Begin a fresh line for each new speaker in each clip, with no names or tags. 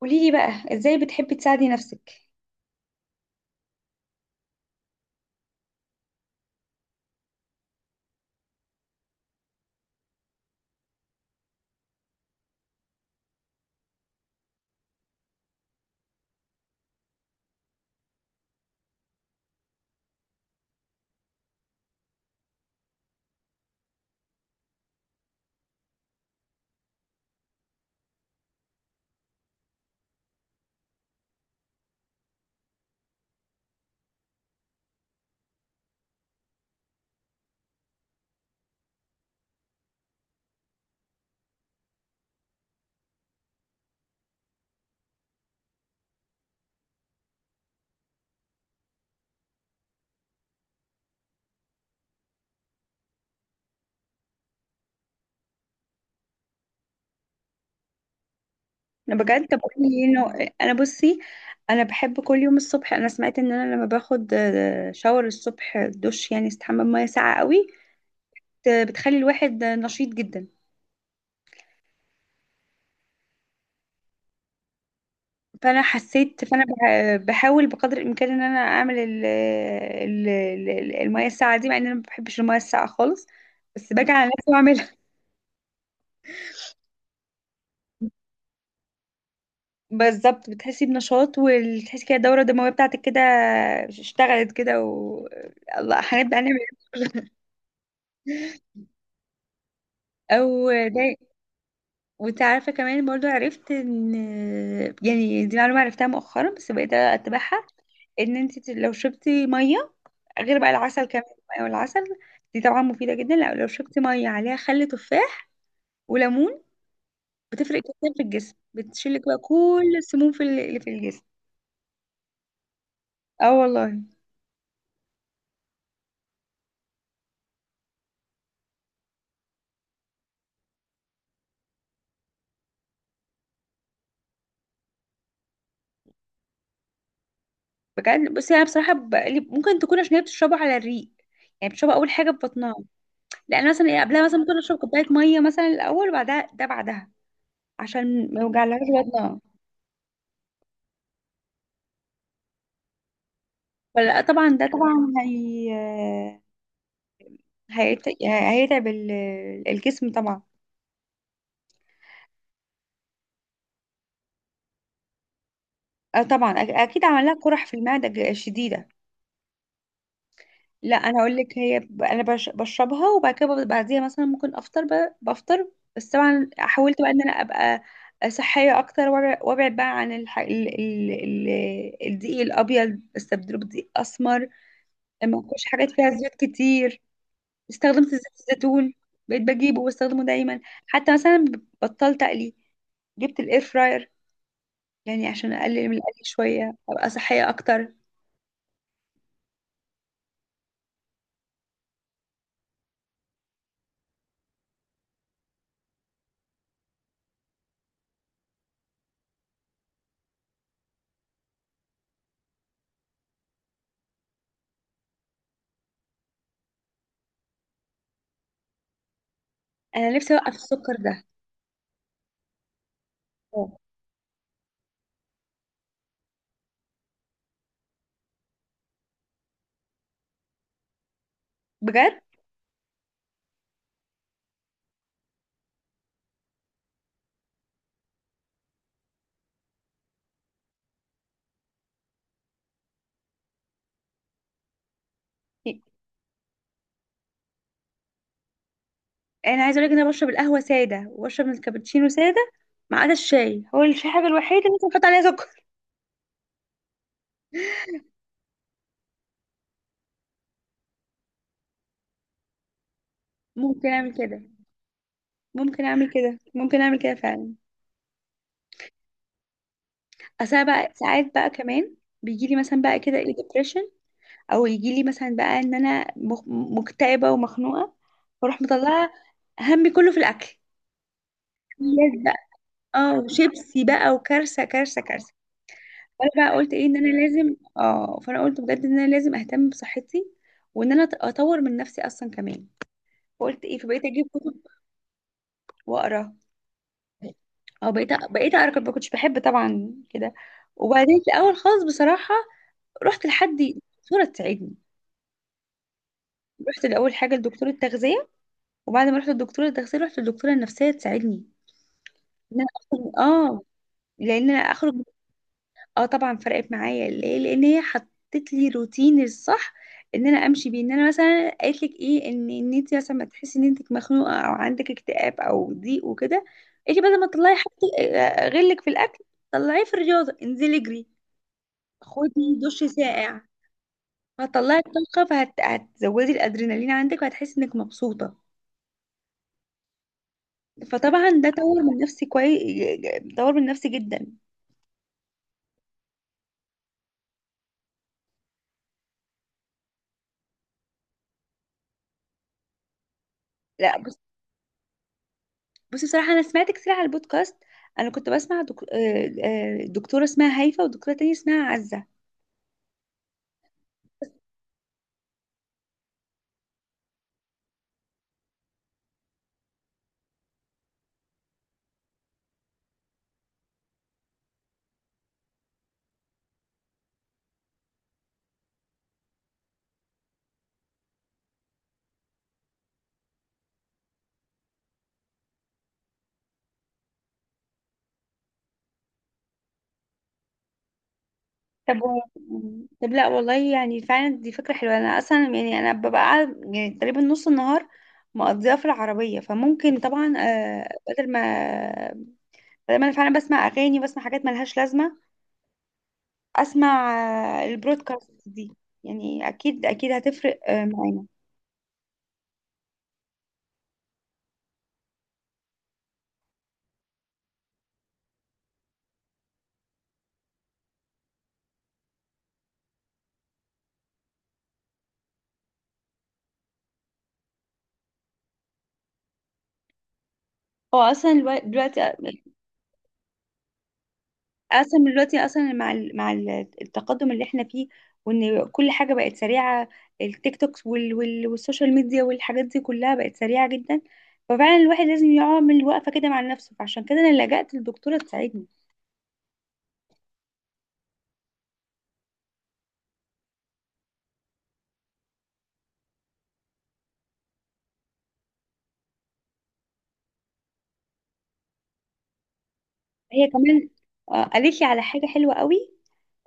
قولي لي بقى ازاي بتحبي تساعدي نفسك؟ انا بجد. طب قولي لي انه انا. بصي، انا بحب كل يوم الصبح. انا سمعت ان انا لما باخد شاور الصبح، دش، يعني استحمى بميه ساقعه قوي. بتخلي الواحد نشيط جدا. فانا حسيت، فانا بحاول بقدر الامكان ان انا اعمل الميه الساقعه دي، مع ان انا ما بحبش الميه الساقعه خالص. بس باجي على نفسي واعملها. بالظبط بتحسي بنشاط، وتحسي كده الدوره الدمويه بتاعتك كده اشتغلت كده، و الله هنبدأ نعمل. او ده. وانت عارفه كمان برضو، عرفت ان يعني دي معلومه عرفتها مؤخرا، بس بقيت اتبعها. ان انت لو شربتي ميه، غير بقى العسل كمان، او العسل دي طبعا مفيده جدا. لا لو شربتي ميه عليها خل تفاح وليمون، بتفرق جدا في الجسم. بتشيلك بقى كل السموم في اللي في الجسم. اه والله. بجد بس انا بصراحه ممكن تكون عشان هي بتشربه على الريق، يعني بتشربها اول حاجه في بطنها. لان مثلا قبلها مثلا ممكن اشرب كوبايه ميه مثلا الاول، وبعدها ده بعدها، عشان ما يوجعلهاش بطنها. فلا طبعا ده طبعا هي هيتعب الجسم طبعا. طبعا، اكيد عمل لها قرح في المعده شديده. لا انا اقول لك، هي ب- انا بش- بشربها، وبعد كده بعديها مثلا ممكن افطر، بفطر. بس طبعا حاولت بقى ان انا ابقى صحيه اكتر، وابعد بقى عن الح... ال... ال... ال... الدقيق الابيض، بستبدله بدقيق اسمر. ما اكلش حاجات فيها زيوت كتير. استخدمت زيت الزيتون، بقيت بجيبه واستخدمه دايما. حتى مثلا بطلت اقلي، جبت الاير فراير، يعني عشان اقلل من القلي شويه ابقى صحيه اكتر. انا نفسي اوقف السكر ده. آه. بجد. انا عايزه اقول لك ان انا بشرب القهوه ساده، وبشرب من الكابتشينو ساده، ما عدا الشاي. هو الشاي الحاجه الوحيده اللي ممكن احط عليها سكر. ممكن اعمل كده، ممكن اعمل كده، ممكن اعمل كده فعلا. اصل أنا بقى ساعات بقى كمان بيجي لي مثلا بقى كده ايه depression، او يجي لي مثلا بقى ان انا مكتئبه ومخنوقه. فاروح مطلعه همي كله في الاكل، لازم بقى. اه شيبسي بقى، وكارثه كارثه كارثه. فانا بقى قلت ايه ان انا لازم. اه فانا قلت بجد ان انا لازم اهتم بصحتي، وان انا اطور من نفسي اصلا كمان. فقلت ايه، فبقيت اجيب كتب واقرا. اه بقيت اقرا. ما كنتش بحب طبعا كده. وبعدين في الاول خالص بصراحه، رحت لحد دكتوره تساعدني. رحت الاول حاجه لدكتوره تغذيه، وبعد ما رحت للدكتوره التغذيه رحت للدكتوره النفسيه تساعدني. ان انا اخرج، اه، لان انا اخرج من-. اه طبعا فرقت معايا. ليه؟ لان هي حطت لي روتين الصح، ان انا امشي بيه. ان انا مثلا قالت لك ايه ان انت مثلا ما تحسي ان انت مخنوقه، او عندك اكتئاب، او ضيق وكده، قالت لي بدل ما تطلعي حاجتك غلك في الاكل، طلعيه في الرياضه، انزلي اجري، خدي دش ساقع. هتطلعي الطاقه، فهتزودي الادرينالين عندك، وهتحسي انك مبسوطه. فطبعا ده طور من نفسي كويس، طور من نفسي جدا. لا بص. بصي بصراحه، انا سمعت كتير على البودكاست. انا كنت بسمع دك... آه، آه، دكتوره اسمها هيفا، ودكتوره تانية اسمها عزه. طب و... طب لا والله، يعني فعلا دي فكره حلوه. انا اصلا يعني انا يعني تقريبا نص النهار مقضيها في العربيه، فممكن طبعا بدل ما انا فعلا بسمع اغاني وبسمع حاجات ملهاش لازمه، اسمع البرودكاست دي. يعني اكيد اكيد هتفرق معانا. هو اصلا الوا- دلوقتي اصلا دلوقتي اصلا مع التقدم اللي احنا فيه، وان كل حاجه بقت سريعه. التيك توكس والسوشيال ميديا والحاجات دي كلها بقت سريعه جدا. ففعلا الواحد لازم يعمل وقفه كده مع نفسه، فعشان كده انا لجأت للدكتوره تساعدني. هي كمان قالت لي على حاجه حلوه قوي،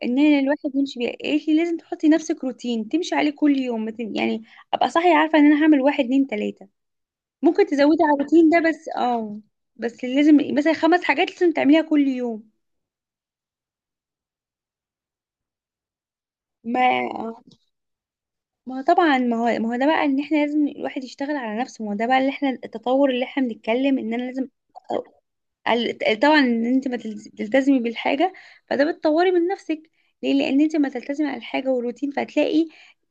ان أنا الواحد يمشي بيها. قالت لي لازم تحطي نفسك روتين تمشي عليه كل يوم. ما تن- يعني ابقى صاحيه عارفه ان انا هعمل واحد اتنين تلاته. ممكن تزودي على الروتين ده، بس اه، بس لازم مثلا 5 حاجات لازم تعمليها كل يوم. ما ما هو طبعا ما هو ما هو ده بقى، ان احنا لازم الواحد يشتغل على نفسه. ما هو ده بقى اللي احنا التطور اللي احنا بنتكلم ان انا لازم. آه، طبعا ان انت ما تلز- تلتزمي بالحاجه، فده بتطوري من نفسك. ليه؟ لان انت ما تلتزمي على الحاجه والروتين، فهتلاقي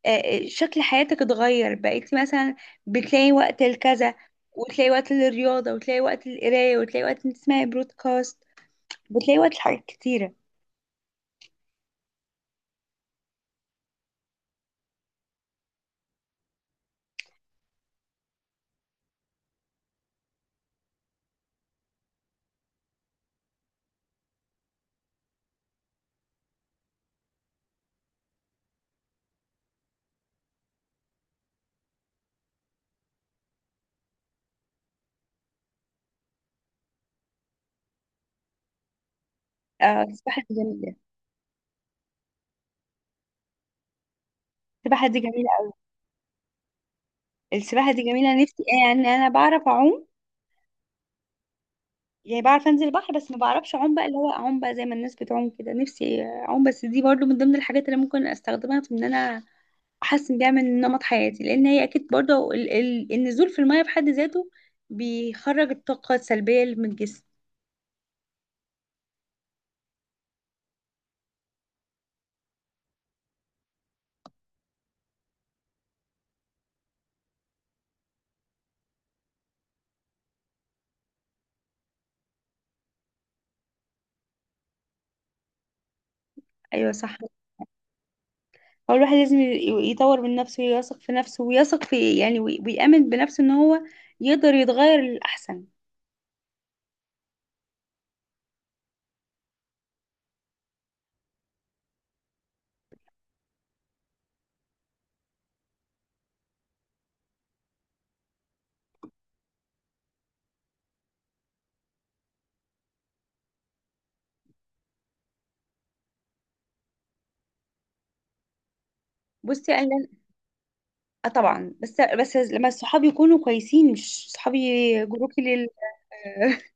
آه، شكل حياتك اتغير. بقيتي مثلا بتلاقي وقت لكذا، وتلاقي وقت للرياضه، وتلاقي وقت للقرايه، وتلاقي وقت انت تسمعي برودكاست، بتلاقي وقت لحاجات كتيرة. آه السباحة دي جميلة. السباحة دي جميلة أوي. السباحة دي جميلة، نفسي. يعني أنا بعرف أعوم، يعني بعرف أنزل البحر بس ما بعرفش أعوم بقى. اللي هو أعوم بقى زي ما الناس بتعوم كده، نفسي أعوم. بس دي برضو من ضمن الحاجات اللي ممكن أستخدمها في إن أنا أحسن بيها من نمط حياتي، لأن هي أكيد برضو ال ال النزول في المية في حد ذاته بيخرج الطاقة السلبية اللي من الجسم. أيوة صح. هو الواحد لازم يطور من نفسه، ويثق في نفسه، ويثق في، يعني، ويأمن بنفسه إن هو يقدر يتغير للأحسن. بصي انا، اه طبعا. بس لما الصحاب يكونوا كويسين. مش صحابي، جروبي لل.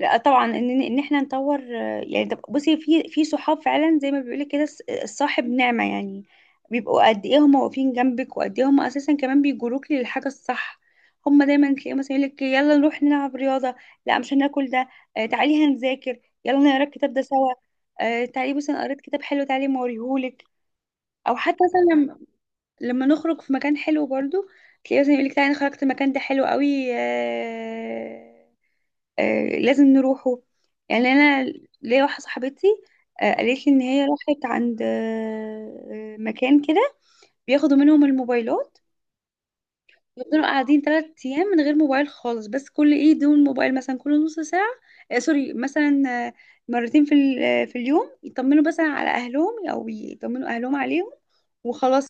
لا طبعا ان احنا نطور يعني. طب بصي، في صحاب فعلا، زي ما بيقولك كده الصاحب نعمة يعني، بيبقوا قد ايه هم واقفين جنبك، وقد ايه هم اساسا كمان بيجروك للحاجة الصح. هم دايما تلاقيهم مثلا يقولك يلا نروح نلعب رياضة. لا مش هناكل ده. آه تعالي هنذاكر، يلا نقرا الكتاب ده سوا. آه تعالي، بس انا قريت كتاب حلو، تعالي ما اوريهولك. او حتى مثلا لما نخرج في مكان حلو برضو، تلاقيه مثلا يقولك تعالى أنا خرجت المكان ده حلو قوي آه. آه لازم نروحه. يعني انا ليا واحده صاحبتي، آه قالت لي ان هي راحت عند مكان كده، بياخدوا منهم الموبايلات. يفضلوا قاعدين 3 ايام من غير موبايل خالص. بس كل ايه دون موبايل، مثلا كل نص ساعه. آه سوري، مثلا مرتين في ال- آه، في اليوم، يطمنوا مثلا على اهلهم او يطمنوا اهلهم عليهم، وخلاص.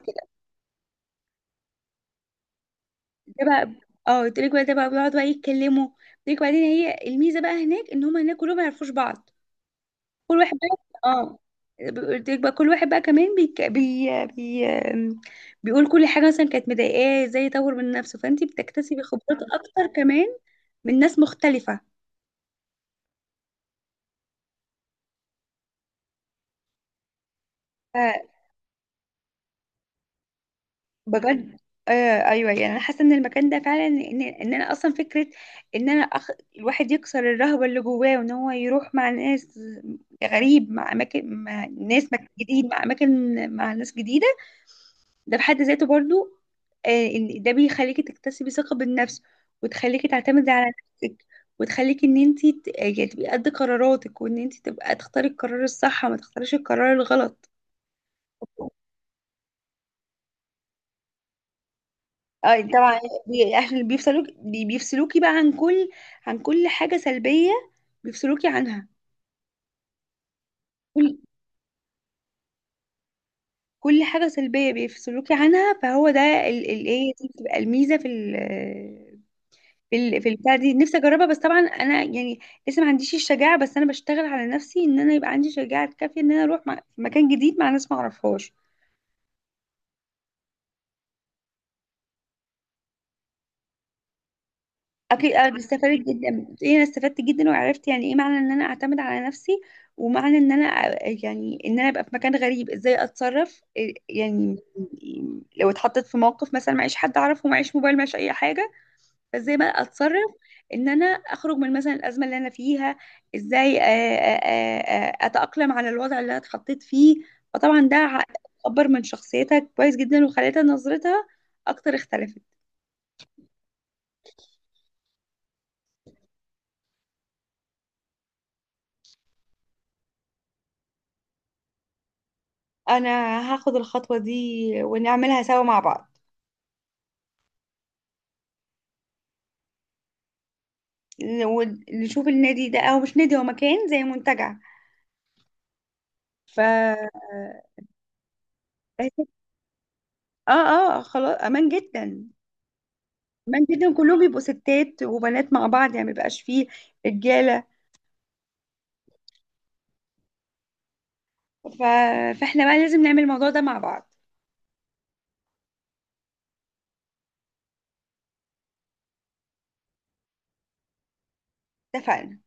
ده بقى، اه قلت لك بقى ده بقى بيقعدوا بقى يتكلموا. قلت لك بعدين، هي الميزه بقى هناك، ان هم هناك كلهم ما يعرفوش بعض. كل واحد بقى، اه قلت لك بقى كل واحد بقى كمان بيقول كل حاجه مثلا كانت مضايقاه ازاي يطور من نفسه. فانت بتكتسبي خبرات اكتر كمان، من ناس مختلفه. بجد آه. ايوه، يعني انا حاسه ان المكان ده فعلا ان انا اصلا فكره ان انا الواحد يكسر الرهبه اللي جواه، وان هو يروح مع ناس غريب، مع اماكن، مع جديد، مع اماكن، مع ناس جديده. ده في حد ذاته برضو آه، ان ده بيخليكي تكتسبي ثقه بالنفس، وتخليكي تعتمدي على نفسك، وتخليكي ان انت يعني تبقي قد قراراتك، وان انت تبقى تختاري القرار الصح، وما تختاريش القرار الغلط. اه طبعا، بيفصلوكي بقى عن كل، حاجة سلبية بيفصلوكي عنها. كل كل حاجة سلبية بيفصلوكي عنها. فهو ده ايه دي، بتبقى الميزة في البتاع دي. نفسي اجربها، بس طبعا انا يعني لسه ما عنديش الشجاعة. بس انا بشتغل على نفسي ان انا يبقى عندي شجاعة كافية ان انا اروح، مع في مكان جديد مع ناس ما اعرفهاش. اكيد انا استفدت جدا، بتقولي انا استفدت جدا، وعرفت يعني ايه معنى ان انا اعتمد على نفسي. ومعنى ان انا يعني ان انا ابقى في مكان غريب، ازاي اتصرف يعني، لو اتحطيت في موقف مثلا معيش حد اعرفه، معيش موبايل، معيش اي حاجه، فازاي بقى اتصرف، ان انا اخرج من مثلا الازمه اللي انا فيها. ازاي اتاقلم على الوضع اللي انا اتحطيت فيه. فطبعا ده اكبر من شخصيتها كويس جدا، وخلتها نظرتها اكتر اختلفت. انا هاخد الخطوة دي، ونعملها سوا مع بعض. ونشوف النادي ده، او مش نادي، هو مكان زي منتجع. ف اه. اه خلاص امان جدا. امان جدا، كلهم بيبقوا ستات وبنات مع بعض، يعني ما بيبقاش فيه رجالة. ف... فاحنا بقى لازم نعمل الموضوع ده مع بعض. اتفقنا.